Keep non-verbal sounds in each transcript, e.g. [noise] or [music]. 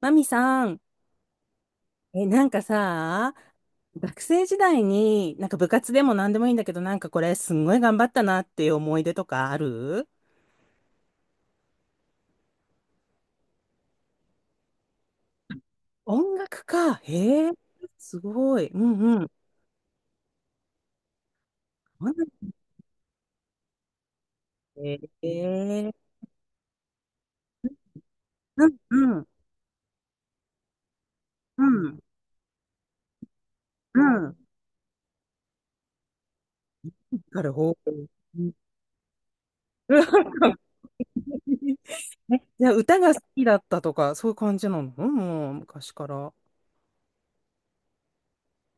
マミさん、なんかさ、学生時代に、なんか部活でも何でもいいんだけど、なんかこれすんごい頑張ったなっていう思い出とかある？音楽か。へえ、すごい。うんうん。そうなんだね。へえ、うんうん、うん、うん。なるほど。うん。 [laughs] じゃあ歌が好きだったとか、そういう感じなの？うん、もう昔から。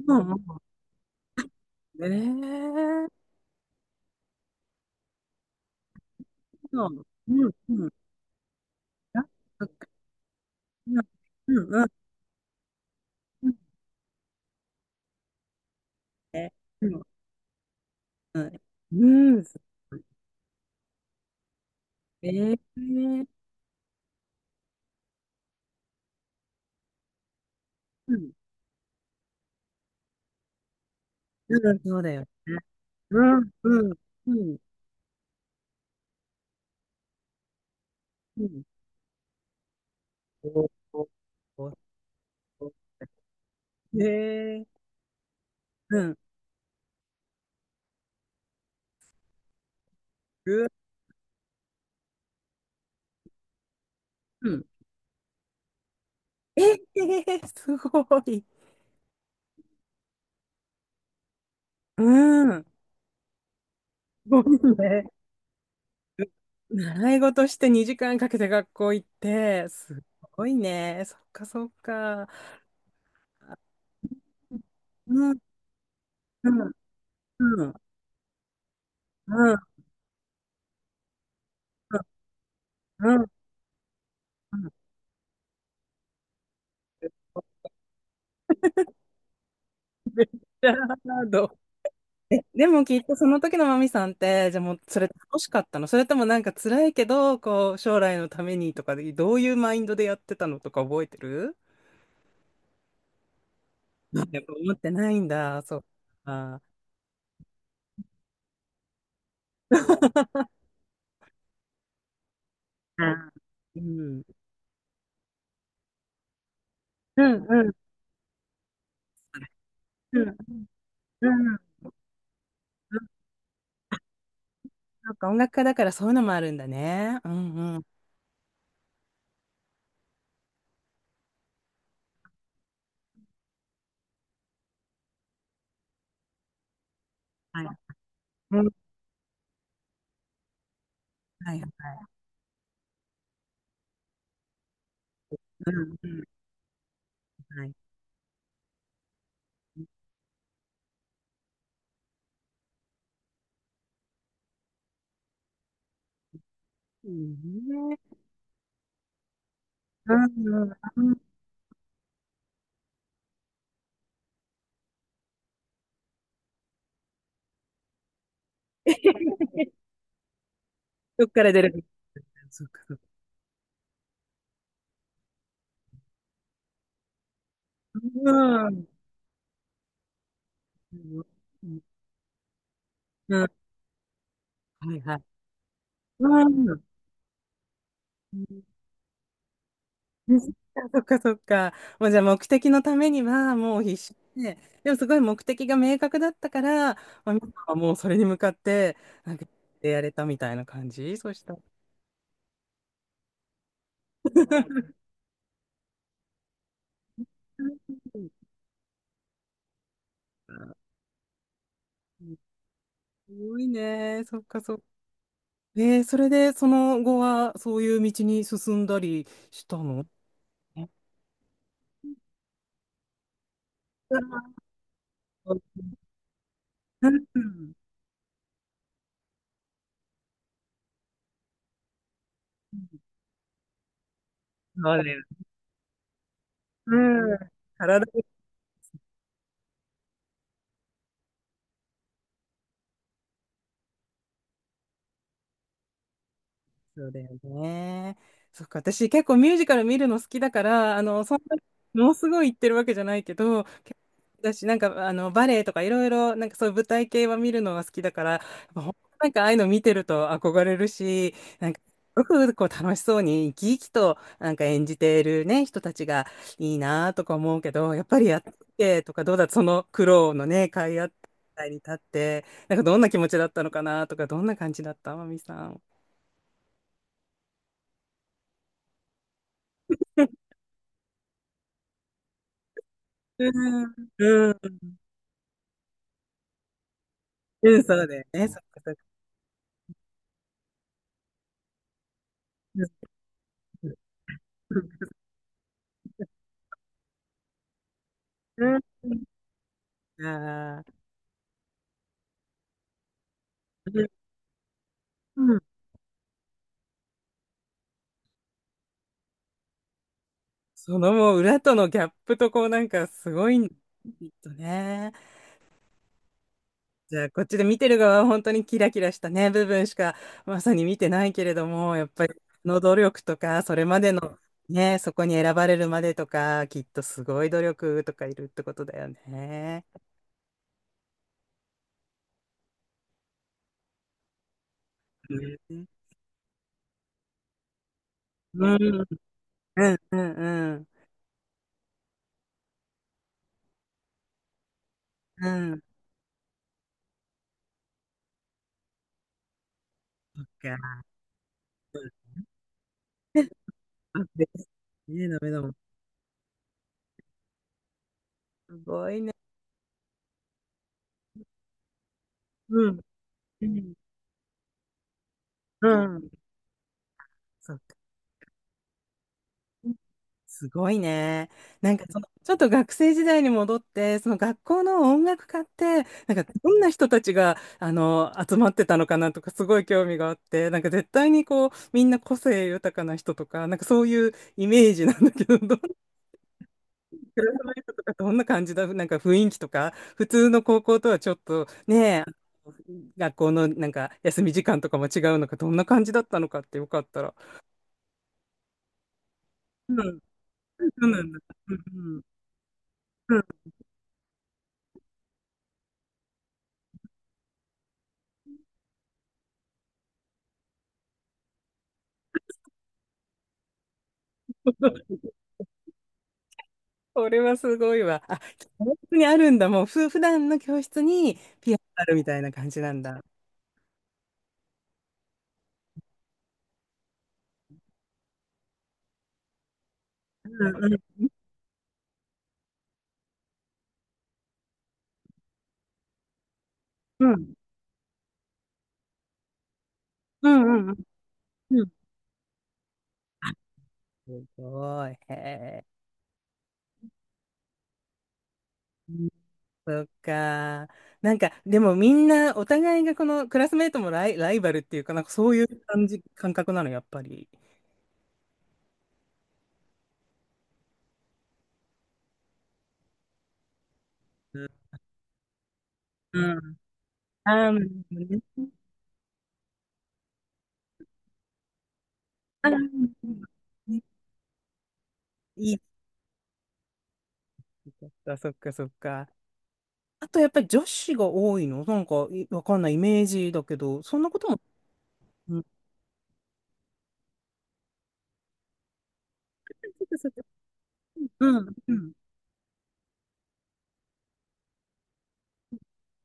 うんうん。ええ、うんうん。あ、そっか。うんうんうん。ね。うん。うん。うん。ええー。うん。うんそうだよね。うん、うん、うん、うん。おーおーおーえー。うん。う、うん。えー、すごい。うん。すごいね。習い事して2時間かけて学校行って、すごいね。そっかそっか。うん、うん、うん、うん、うん、うん。じゃあ、どう。 [laughs] でもきっとその時のマミさんって、じゃあもうそれ楽しかったの？それともなんか辛いけど、こう将来のためにとかで、どういうマインドでやってたのとか覚えてる？うん、やっぱ思ってないんだ、そうか。あ、うん。うんうんうんうんうん。なんか音楽家だからそういうのもあるんだね。うんうん。はい。うん。はいはい。うんうん。はい。いいね、うんね。うんうん。どっから出るか。そうか。そうか。うんうん。うん。はいはい。うん。うん。そっか。 [laughs] そっかそっか。もうじゃあ目的のためにはもう必死で、でもすごい目的が明確だったから、まあ、皆さんはもうそれに向かって、なんかやれたみたいな感じ、そうしたら。うん。すごいね。そっかそっか。えー、それでその後はそういう道に進んだりしたの？体、そうだよね。そっか、私結構ミュージカル見るの好きだから、あの、そんなにものすごい言ってるわけじゃないけど、結構だし、なんか、あの、バレエとかいろいろ、なんかそういう舞台系は見るのが好きだから、やっぱほんとなんかああいうの見てると憧れるし、なんか、すごくこう楽しそうに生き生きとなんか演じているね、人たちがいいなとか思うけど、やっぱりやってて、とかどうだ、その苦労のね、かいあった舞台に立って、なんかどんな気持ちだったのかなとか、どんな感じだった、まみさん。うん、うん、うん、そうだよね。そっかそっか。うん、うん。あー、うん。そのもう裏とのギャップとこうなんかすごいん、きっとね。じゃあこっちで見てる側は本当にキラキラしたね、部分しかまさに見てないけれども、やっぱりその努力とか、それまでのね、そこに選ばれるまでとか、きっとすごい努力とかいるってことだよね。うん、うん、うん、うん、うん。うん。そっか。あ、です。ねえ、ダメだもん。すごいね。うん。うん。うん。そっか。すごいね。なんかその、ちょっと学生時代に戻って、その学校の音楽家って、なんかどんな人たちが、あの、集まってたのかなとか、すごい興味があって、なんか絶対にこう、みんな個性豊かな人とか、なんかそういうイメージなんだけど、どう？クラスメイトとかどんな感じだ、なんか雰囲気とか、普通の高校とはちょっとね、学校のなんか休み時間とかも違うのか、どんな感じだったのかってよかったら。うん、そうなんだ。うんうん。うん。 [laughs] これはすごいわ。あ、教室にあるんだ。もう、ふ、普段の教室にピアノあるみたいな感じなんだ。うんうん。うんうんうんうん。うん、すごい。へえ。そっか。なんか、でもみんな、お互いがこのクラスメートもライ、ライバルっていうかなんかそういう感じ、感覚なの、やっぱり。うんうん。ああ、なるほどね。あー、いい。そっか、そっか、そっか。あと、やっぱり女子が多いのなんか、いわかんないイメージだけど、そんなことも。うん。そっかそっか。うん。うん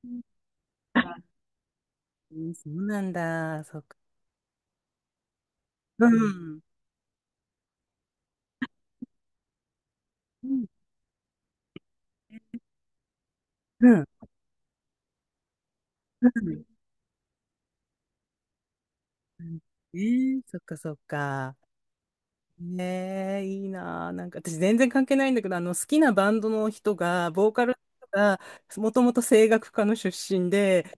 うん、そうなんだ。そっか。うん。うん。うん。うん。えー、そっか、そっか。ねえ、いいなあ。なんか私全然関係ないんだけど、あの好きなバンドの人が、ボーカルの人が、もともと声楽家の出身で、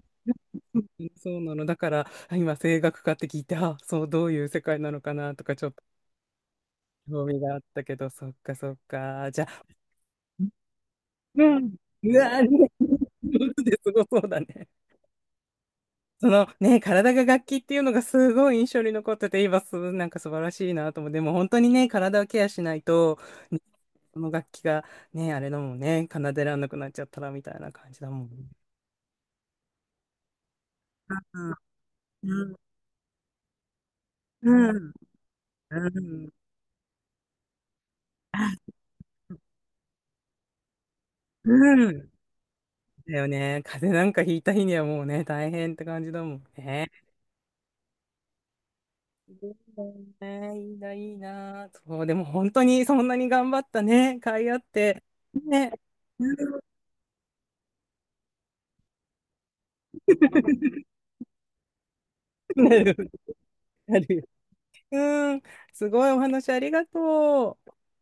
うん、そうなの。だから、あ、今声楽家って聞いて、あ、そう、どういう世界なのかなとか、ちょっと興味があったけど、そっかそっか。じゃあ、うん。うわあ、[laughs] ね、本当ですごそうだね。そのね、体が楽器っていうのがすごい印象に残ってて、今す、なんか素晴らしいなと思う。でも本当にね、体をケアしないと、ね、その楽器がね、あれだもんね、奏でらんなくなっちゃったらみたいな感じだもんね。うんうんうんうんうん、だよね。風邪なんかひいた日にはもうね、大変って感じだもんね。いいね、いいな、いいな。そう、でも本当にそんなに頑張ったね、甲斐あって。ね。[laughs] なるなるよ、うん、すごいお話ありがとう。